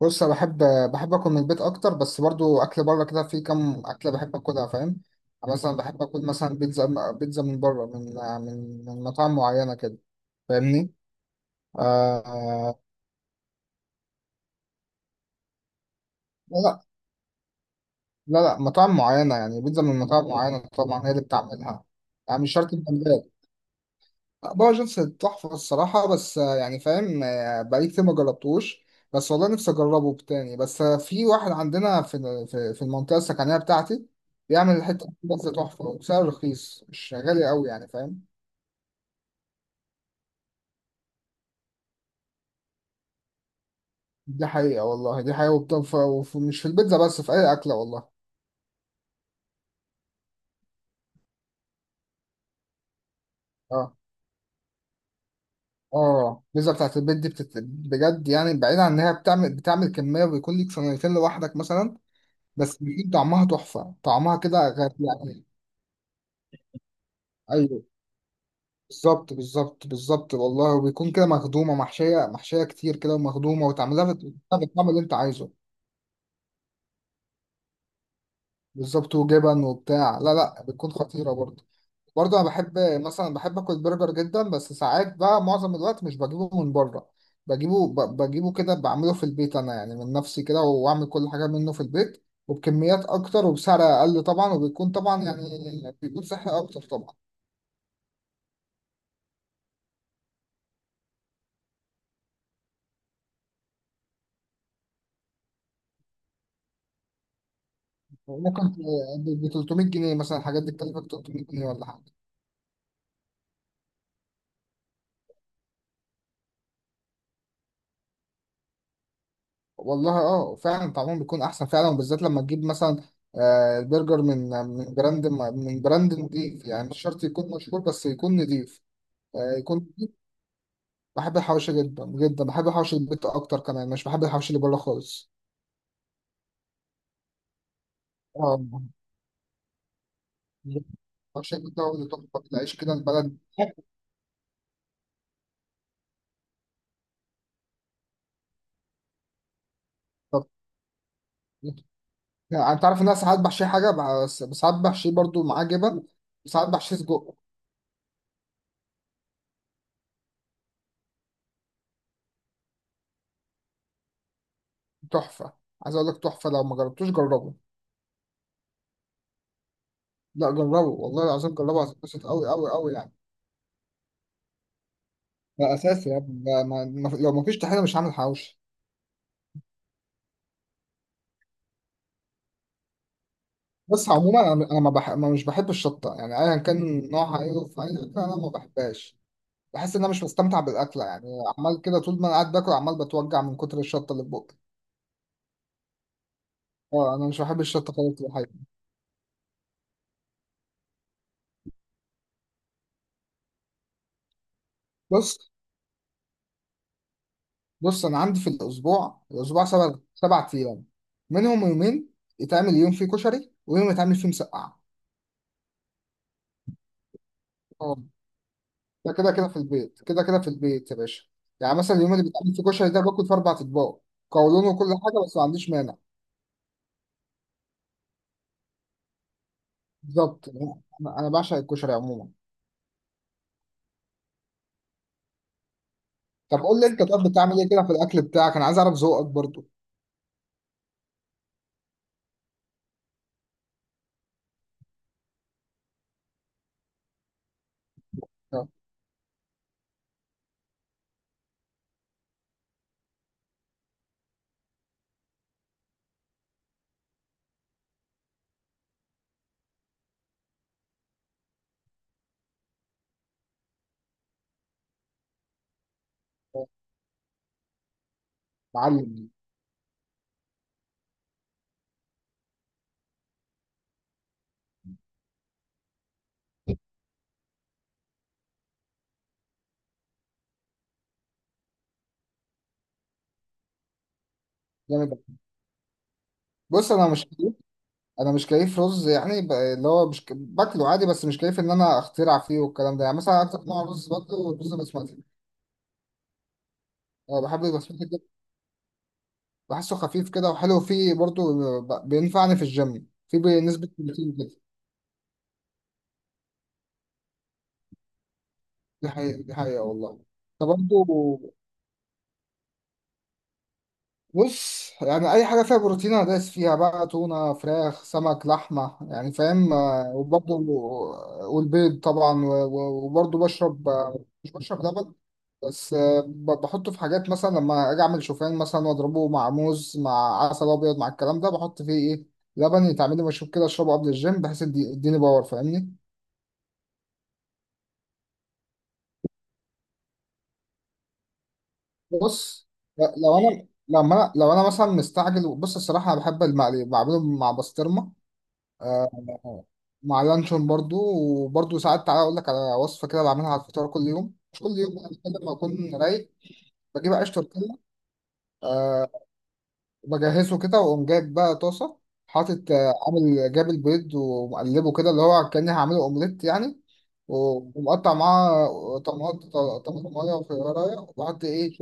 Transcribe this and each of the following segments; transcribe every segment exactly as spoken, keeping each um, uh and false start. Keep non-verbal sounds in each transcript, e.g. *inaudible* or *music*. بص انا بحب بحب اكل من البيت اكتر بس برضو اكل بره كده في كام اكله بحب اكلها فاهم. أنا مثلا بحب اكل مثلا بيتزا بيتزا من بره من من من مطاعم معينه كده. فاهمني؟ آه. لا، لا لا مطاعم معينه، يعني بيتزا من مطاعم معينه طبعا هي اللي بتعملها، يعني مش شرط البلد. باور جيمس تحفة الصراحة، بس آه، يعني فاهم، آه، بقالي كتير ما جربتوش، بس والله نفسي أجربه تاني، بس آه، في واحد عندنا في في في المنطقة السكنية بتاعتي بيعمل الحتة دي بس تحفة وسعر رخيص، مش غالي قوي، يعني فاهم. دي حقيقة والله، دي حقيقة، وبت- ف- وف- مش في البيتزا بس، في أي أكلة والله. اه. اه، البيتزا بتاعت البيت دي بتت... بجد يعني، بعيد عن إنها بتعمل بتعمل كمية وبيكون ليك صينيتين لوحدك مثلا، بس بيكون طعمها تحفة، طعمها كده غير يعني. أيوه، بالظبط بالظبط بالظبط والله، وبيكون كده مخدومة، محشية محشية كتير كده، ومخدومة وتعملها بت- بالطعم اللي انت عايزه. بالظبط، وجبن وبتاع، لا لا، بتكون خطيرة برضه. برضه انا بحب مثلا، بحب اكل برجر جدا، بس ساعات بقى معظم الوقت مش بجيبه من بره، بجيبه ب- بجيبه كده، بعمله في البيت انا يعني من نفسي كده، واعمل كل حاجة منه في البيت وبكميات اكتر وبسعر اقل طبعا، وبيكون طبعا يعني بيكون صحي اكتر طبعا. ممكن، ب تلتمية جنيه مثلا الحاجات دي بتكلفك تلتمية جنيه ولا حاجة. والله اه فعلا طعمهم بيكون احسن فعلا، وبالذات لما تجيب مثلا آه، برجر من من براند، من براند نضيف، يعني مش شرط يكون مشهور بس يكون نضيف. آه، يكون نضيف. بحب الحواوشي جدا جدا، بحب الحواوشي البيت اكتر كمان، مش بحب الحواوشي اللي بره خالص. اه، الحواوشي البيت ده هو اللي تحفه، العيش كده البلد. طب، يعني انت عارف ان انا ساعات بحشيه حاجه، بس بس ساعات بحشيه برضو معاه جبن، وساعات بحشيه سجق. تحفه، عايز اقول لك تحفه، لو ما جربتوش جربه. لا جربه والله العظيم، جربه هتتبسط قوي قوي قوي يعني. ده اساسي يا ابني، ده ما... ما... لو ما فيش طحينه مش هعمل حواوشي. بس عموما انا انا ما, بح... ما مش بحب الشطه، يعني ايا كان نوعها ايه في اي اكله انا ما بحبهاش، بحس ان انا مش مستمتع بالاكله يعني. عمال كده طول ما انا قاعد باكل، عمال بتوجع من كتر الشطه اللي في بقي. اه، انا مش بحب الشطه خالص في الحقيقه. بص، بص انا عندي في الاسبوع، الاسبوع سبع سبع ايام منهم يومين يتعمل يوم فيه كشري ويوم يتعمل فيه مسقعه. ده كده كده في البيت كده كده في البيت يا باشا. يعني مثلا اليوم اللي بتعمل فيه كشري ده، باكل في اربع اطباق. قولون وكل حاجه، بس ما عنديش مانع. بالظبط. انا، أنا بعشق الكشري عموما. طب قول لي انت، طب بتعمل ايه كده في الاكل بتاعك، انا عايز اعرف ذوقك برضو. يا معلم. جامد. بص انا مش كيف، انا مش كيف رز يعني، ب- اللي هو مش ك- باكله عادي، بس مش كيف ان انا اخترع فيه والكلام ده، يعني مثلا اكتر نوع رز باكله رز بسمتي. أه، بحب البسمتي جدا، بحسه خفيف كده وحلو فيه، برضو ب- بينفعني في الجيم، فيه نسبه بروتين كده. دي حقيقة، دي حقيقة والله. طب برضه، بص يعني أي حاجة فيها بروتين أنا دايس فيها بقى، تونة، فراخ، سمك، لحمة، يعني فاهم، آه، وبرضه والبيض طبعا و- و- وبرضه بشرب، آه، مش بشرب لبن، بس آه، ب- بحطه في حاجات، مثلا لما أجي أعمل شوفان مثلا وأضربه مع موز مع عسل أبيض مع الكلام ده، بحط فيه إيه، لبن، يتعمل لي مشروب كده أشربه قبل الجيم بحيث يدي- يديني باور، فاهمني. بص، ل- لو انا لما انا لو انا مثلا مستعجل، بص الصراحه انا بحب المقلي اللي بعمله مع بسطرمه. آه، مع لانشون برضو. وبرضو ساعات تعالى اقول لك على وصفه كده بعملها على الفطار كل يوم، مش كل يوم يعني، كده لما اكون رايق. بجيب عيش تورتيلا وبجهزه كده، واقوم جايب بقى طاسه، حاطط، آه، عامل جاب البيض ومقلبه كده، اللي هو كاني هعمله اومليت يعني، و- ومقطع معاه طماطم، طماطم ميه وخيارية، وبحط ايه،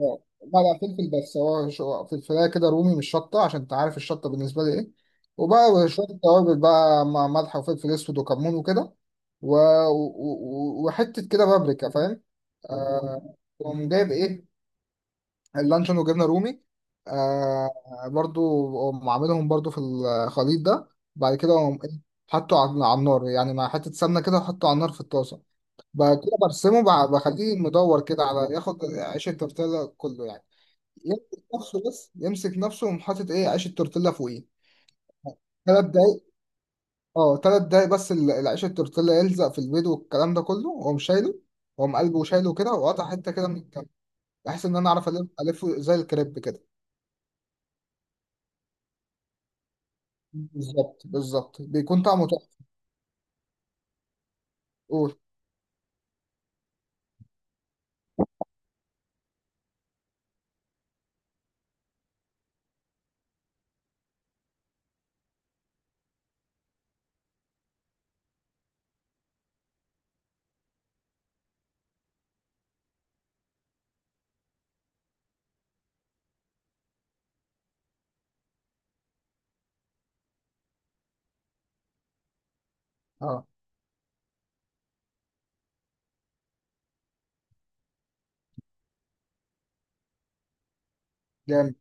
اه بقى فلفل، بس هو شو- فلفلايه كده رومي مش شطه، عشان انت عارف الشطه بالنسبه لي ايه. وبقى شويه توابل بقى مع ملح وفلفل اسود وكمون وكده، و... و... و- وحته كده بابريكا فاهم. آه، وقوم جايب ايه، اللانشون وجبنه رومي. آه برضو، قوم عاملهم برضو في الخليط ده. بعد كده قوم ايه، حطه على على النار، يعني مع حته سمنه كده، وحطه على النار في الطاسه. بعد كده برسمه، بع- بخليه مدور كده على ياخد عيش التورتيلا كله يعني، يمسك نفسه، بس يمسك نفسه، ومحطط ايه، عيش التورتيلا فوقيه ثلاث دقايق. اه ثلاث دقايق بس، ال- العيش التورتيلا يلزق في البيض والكلام ده كله، واقوم شايله، واقوم قلبه وشايله كده، وقطع حته كده من الكم بحيث ان انا اعرف الف الفه زي الكريب كده. بالظبط، بالظبط، بيكون طعمه تحفه. قول. اه. جامد.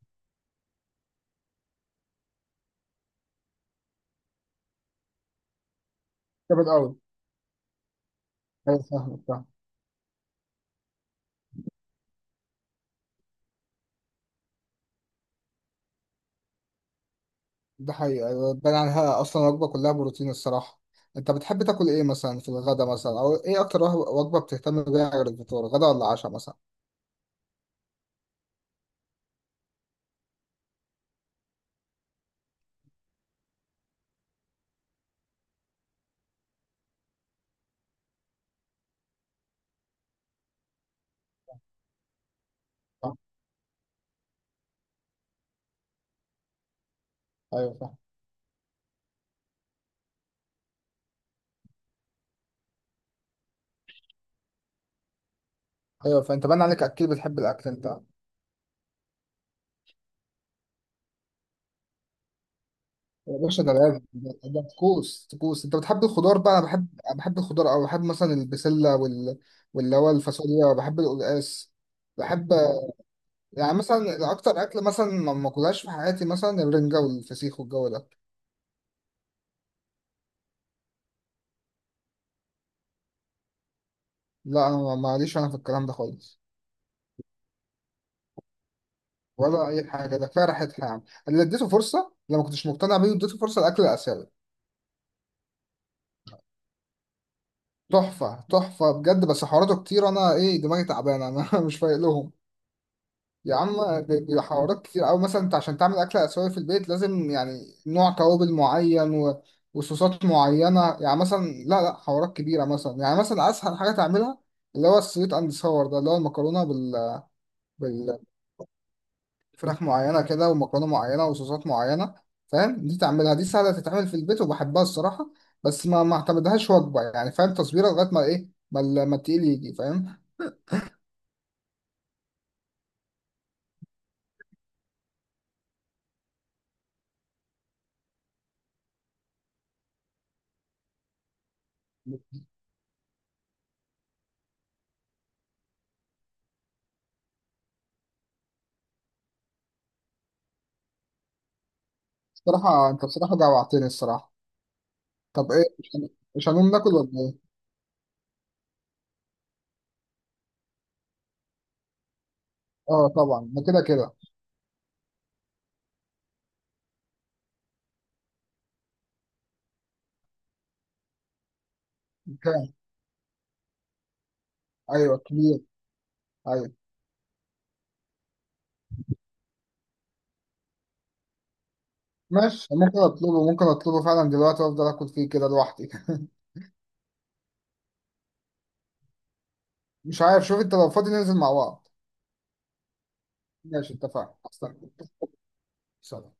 جامد قوي. ايوه فاهمك، فاهم. ده حقيقي، أيوة، بان عنها اصلا، وجبه كلها بروتين الصراحه. انت بتحب تاكل ايه مثلا في الغدا مثلا، او ايه اكتر وجبه بتهتم بيها غير الفطار، غدا ولا عشاء مثلا؟ آه، ايوه فاهم. ايوه، فانت باين عليك اكيد بتحب الاكل انت. يا باشا ده لازم، ده ده طقوس طقوس. انت بتحب الخضار بقى؟ انا بحب، أنا بحب الخضار، او بحب مثلا البسله وال، واللي هو الفاصوليا، بحب القلقاس، بحب، يعني مثلا اكتر اكل مثلا ما ما اكلهاش في حياتي مثلا الرنجه والفسيخ والجو ده. لا انا ما- ماليش انا في الكلام ده خالص، ولا اي حاجه، ده كفايه ريحتها يعني. اللي اديته فرصه لما كنتش مقتنع بيه، اديته فرصه، الاكل الاسيوي. تحفه، تحفه بجد، بس حواراته كتير، انا ايه دماغي تعبانه انا *laughs* مش فايق لهم. يا عم، بيبقى حوارات كتير أوي، مثلا أنت عشان تعمل أكلة آسيوية في البيت، لازم يعني نوع توابل معين و... وصوصات معينة يعني، مثلا لا لا حوارات كبيرة. مثلا يعني مثلا أسهل حاجة تعملها، اللي هو السويت أند ساور ده، اللي هو المكرونة بال... بالفراخ، معينة كده، ومكرونة معينة وصوصات معينة، فاهم، دي تعملها، دي سهلة تتعمل في البيت وبحبها الصراحة، بس ما ما اعتمدهاش وجبة، يعني فاهم تصبيرة لغاية ما إيه، ما ال- ما التقيل يجي، فاهم. الصراحة أنت، الصراحة جوعتني الصراحة. طب إيه، مش هن- مش هنقوم ناكل ولا إيه؟ اه طبعا، ده كده كده. كام؟ ايوه كبير. ايوه ماشي، ممكن اطلبه، ممكن اطلبه فعلا دلوقتي، وافضل اكل فيه كده لوحدي *laughs* مش عارف، شوف انت لو فاضي ننزل مع بعض. ماشي، اتفقنا، استنى. سلام.